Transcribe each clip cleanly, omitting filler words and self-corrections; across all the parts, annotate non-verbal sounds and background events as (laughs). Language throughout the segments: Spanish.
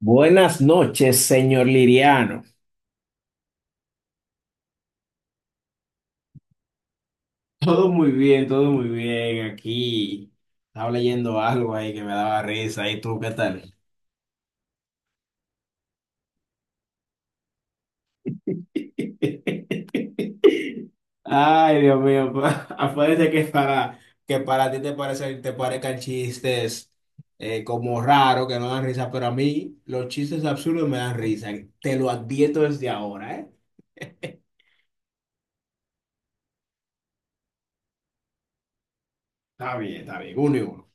Buenas noches, señor Liriano. Todo muy bien, todo muy bien. Aquí estaba leyendo algo ahí que me daba risa. ¿Y tú qué tal? (laughs) Ay, Dios mío, pa- (laughs) acuérdate que para ti te parezcan chistes como raros, que no dan risa, pero a mí los chistes absurdos me dan risa. Te lo advierto desde ahora, ¿eh? Está bien, uno y uno.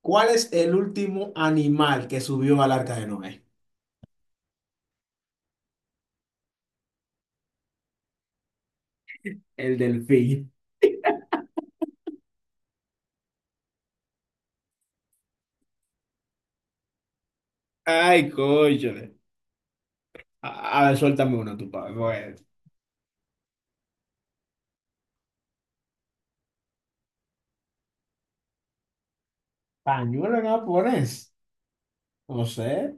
¿Cuál es el último animal que subió al arca de Noé? El delfín. Ay, cóchale. A, a ver, suéltame uno, tú, pa. Bueno. Pañuelo en japonés. No sé.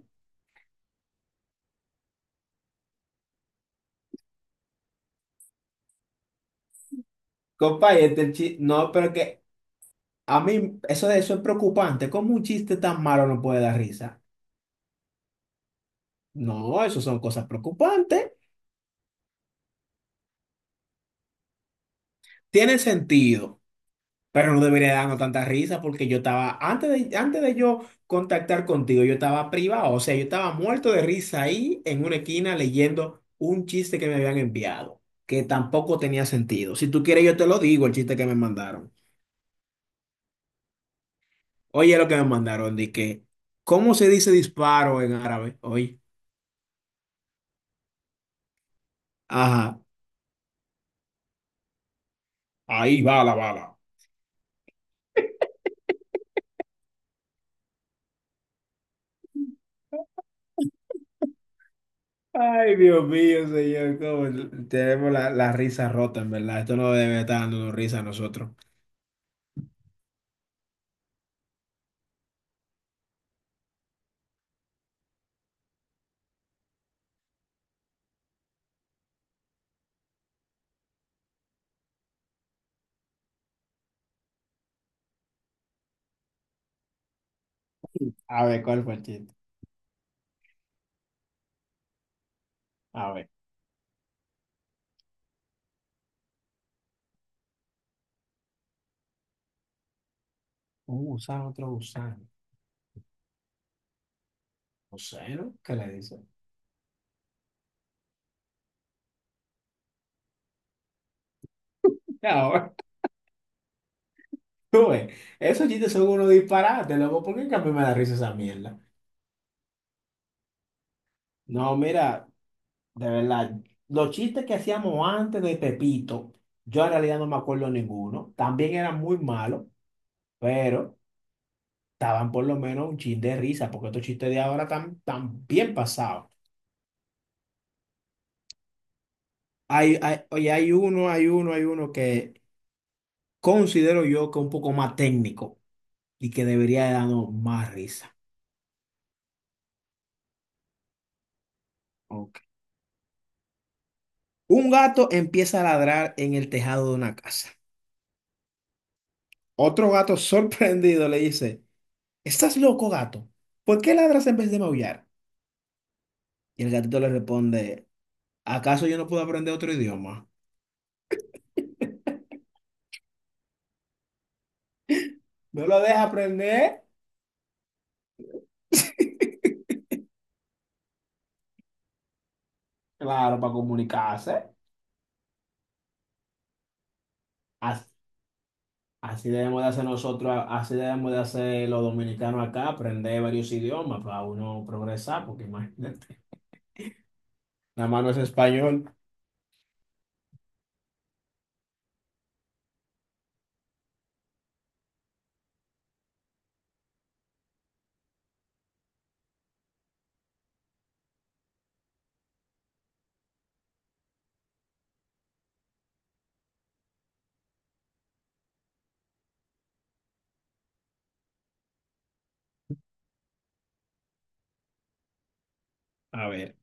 Compa, y este chiste. No, pero que a mí eso es preocupante. ¿Cómo un chiste tan malo no puede dar risa? No, eso son cosas preocupantes. Tiene sentido. Pero no debería darnos tanta risa porque yo estaba, antes de yo contactar contigo, yo estaba privado, o sea, yo estaba muerto de risa ahí en una esquina leyendo un chiste que me habían enviado, que tampoco tenía sentido. Si tú quieres, yo te lo digo, el chiste que me mandaron. Oye, lo que me mandaron, ¿cómo se dice disparo en árabe? Hoy, ajá, ahí va la bala. Ay, Dios mío, señor, cómo tenemos la risa rota, en verdad. Esto no debe estar dándonos risa a nosotros. A ver, ¿cuál fue el chiste? A ver, un gusano, otro gusano. No sé, ¿no? ¿Qué le dice? (laughs) Ahora, tú ves, esos chistes son unos disparates, loco. ¿Por qué que a mí me da risa esa mierda? No, mira, de verdad, los chistes que hacíamos antes de Pepito, yo en realidad no me acuerdo ninguno. También eran muy malos, pero estaban por lo menos un chin de risa, porque estos chistes de ahora están, están bien pasados. Oye, hay uno que considero yo que es un poco más técnico y que debería de darnos más risa. Ok. Un gato empieza a ladrar en el tejado de una casa. Otro gato (laughs) sorprendido le dice, ¿estás loco, gato? ¿Por qué ladras en vez de maullar? Y el gatito le responde, ¿acaso yo no puedo aprender otro idioma? ¿No lo deja aprender? Claro, para comunicarse. As- Así debemos de hacer nosotros, así debemos de hacer los dominicanos acá, aprender varios idiomas para uno progresar, porque imagínate, nada más no es español. A ver.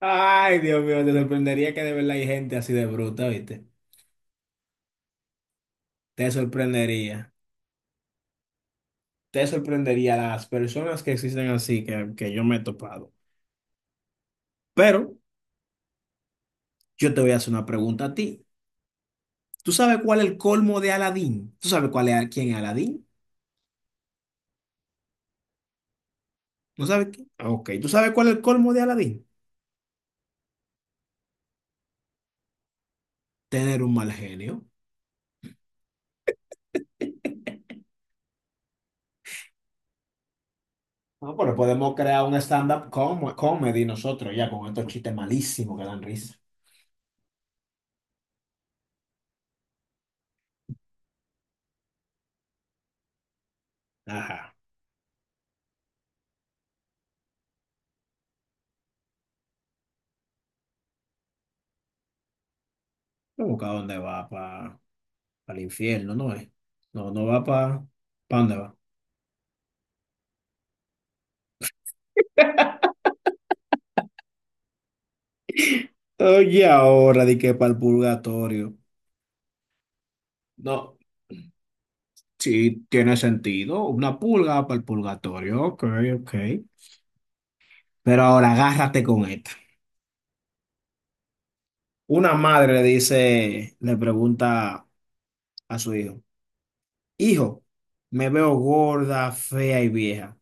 Ay, Dios mío, te sorprendería que de verdad hay gente así de bruta, ¿viste? Te sorprendería. Te sorprendería las personas que existen así que yo me he topado. Pero yo te voy a hacer una pregunta a ti. ¿Tú sabes cuál es el colmo de Aladín? ¿Tú sabes cuál es, quién es Aladín? ¿No sabes quién? Ok, ¿tú sabes cuál es el colmo de Aladín? Tener un mal genio. No, pero podemos crear un comedy nosotros ya con estos chistes malísimos que dan risa. Ajá. Busca dónde va, pa. Al infierno, no es. No, no va para... ¿Para dónde va? Oye, ahora di que para el purgatorio. No, sí, tiene sentido. Una pulga para el purgatorio. Ok, ok. Pero ahora agárrate con esta. Una madre le dice, le pregunta a su hijo, hijo, me veo gorda, fea y vieja.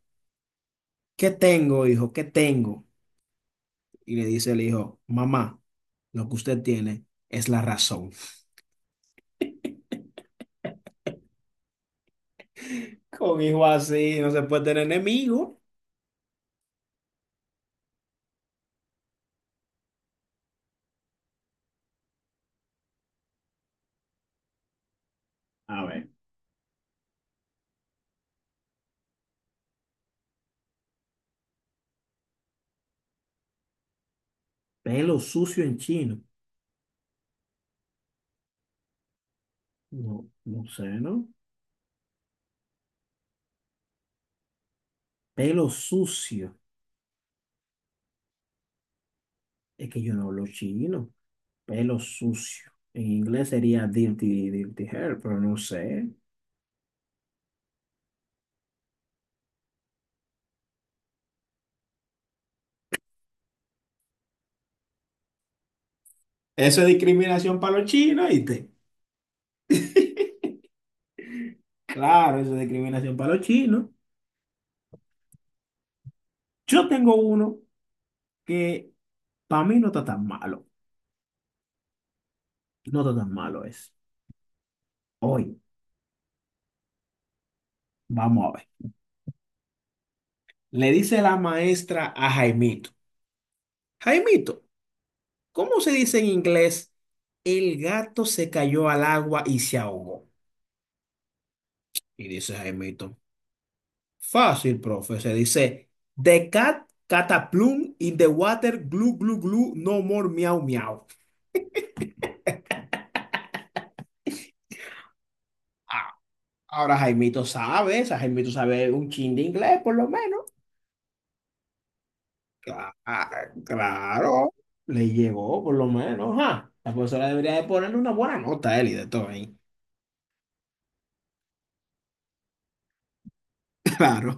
¿Qué tengo, hijo? ¿Qué tengo? Y le dice el hijo, mamá, lo que usted tiene es la razón. Con hijo así no se puede tener enemigo. A ver, pelo sucio en chino. No, no sé, ¿no? Pelo sucio. Es que yo no hablo chino. Pelo sucio. En inglés sería dirty, dirty hair, pero no sé. Eso es discriminación para los chinos, ¿viste? Claro, eso es discriminación para los chinos. Yo tengo uno que para mí no está tan malo. No está tan malo es. Hoy, vamos a ver. Le dice la maestra a Jaimito. Jaimito, ¿cómo se dice en inglés? El gato se cayó al agua y se ahogó. Y dice Jaimito, fácil, profe. Se dice, the cat cataplum in the water, glu, glu, glu, no more miau, miau. Ah, ahora Jaimito sabe, o sea, Jaimito sabe un chin de inglés, por lo menos. Cla- ah, Claro, le llegó, por lo menos. Ajá. La profesora debería de ponerle una buena nota a él y de todo ahí. (laughs) Claro.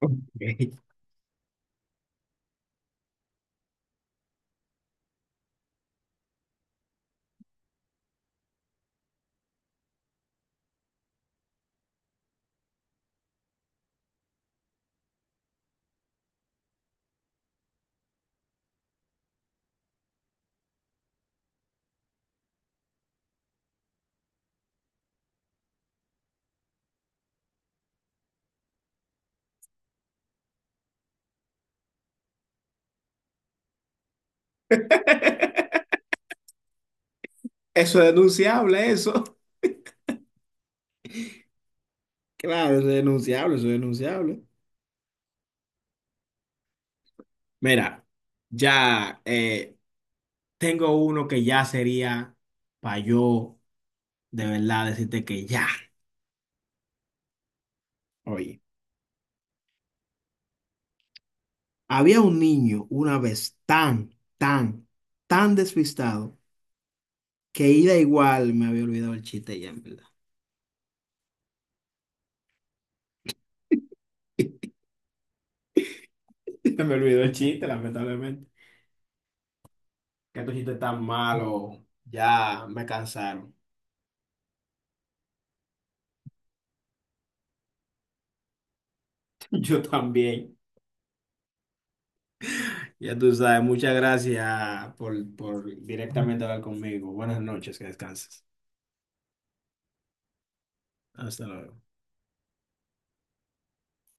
Ok. Eso es denunciable, eso. Claro, eso es denunciable, eso es denunciable. Mira, ya eh, tengo uno que ya sería para yo de verdad decirte que ya. Oye, había un niño una vez tan despistado que ida igual me había olvidado el chiste ya, en verdad. (laughs) Se me olvidó el chiste, lamentablemente. Que estos chistes tan malos, ya me cansaron. (laughs) Yo también. Ya tú sabes, muchas gracias por directamente hablar conmigo. Buenas noches, que descanses. Hasta luego.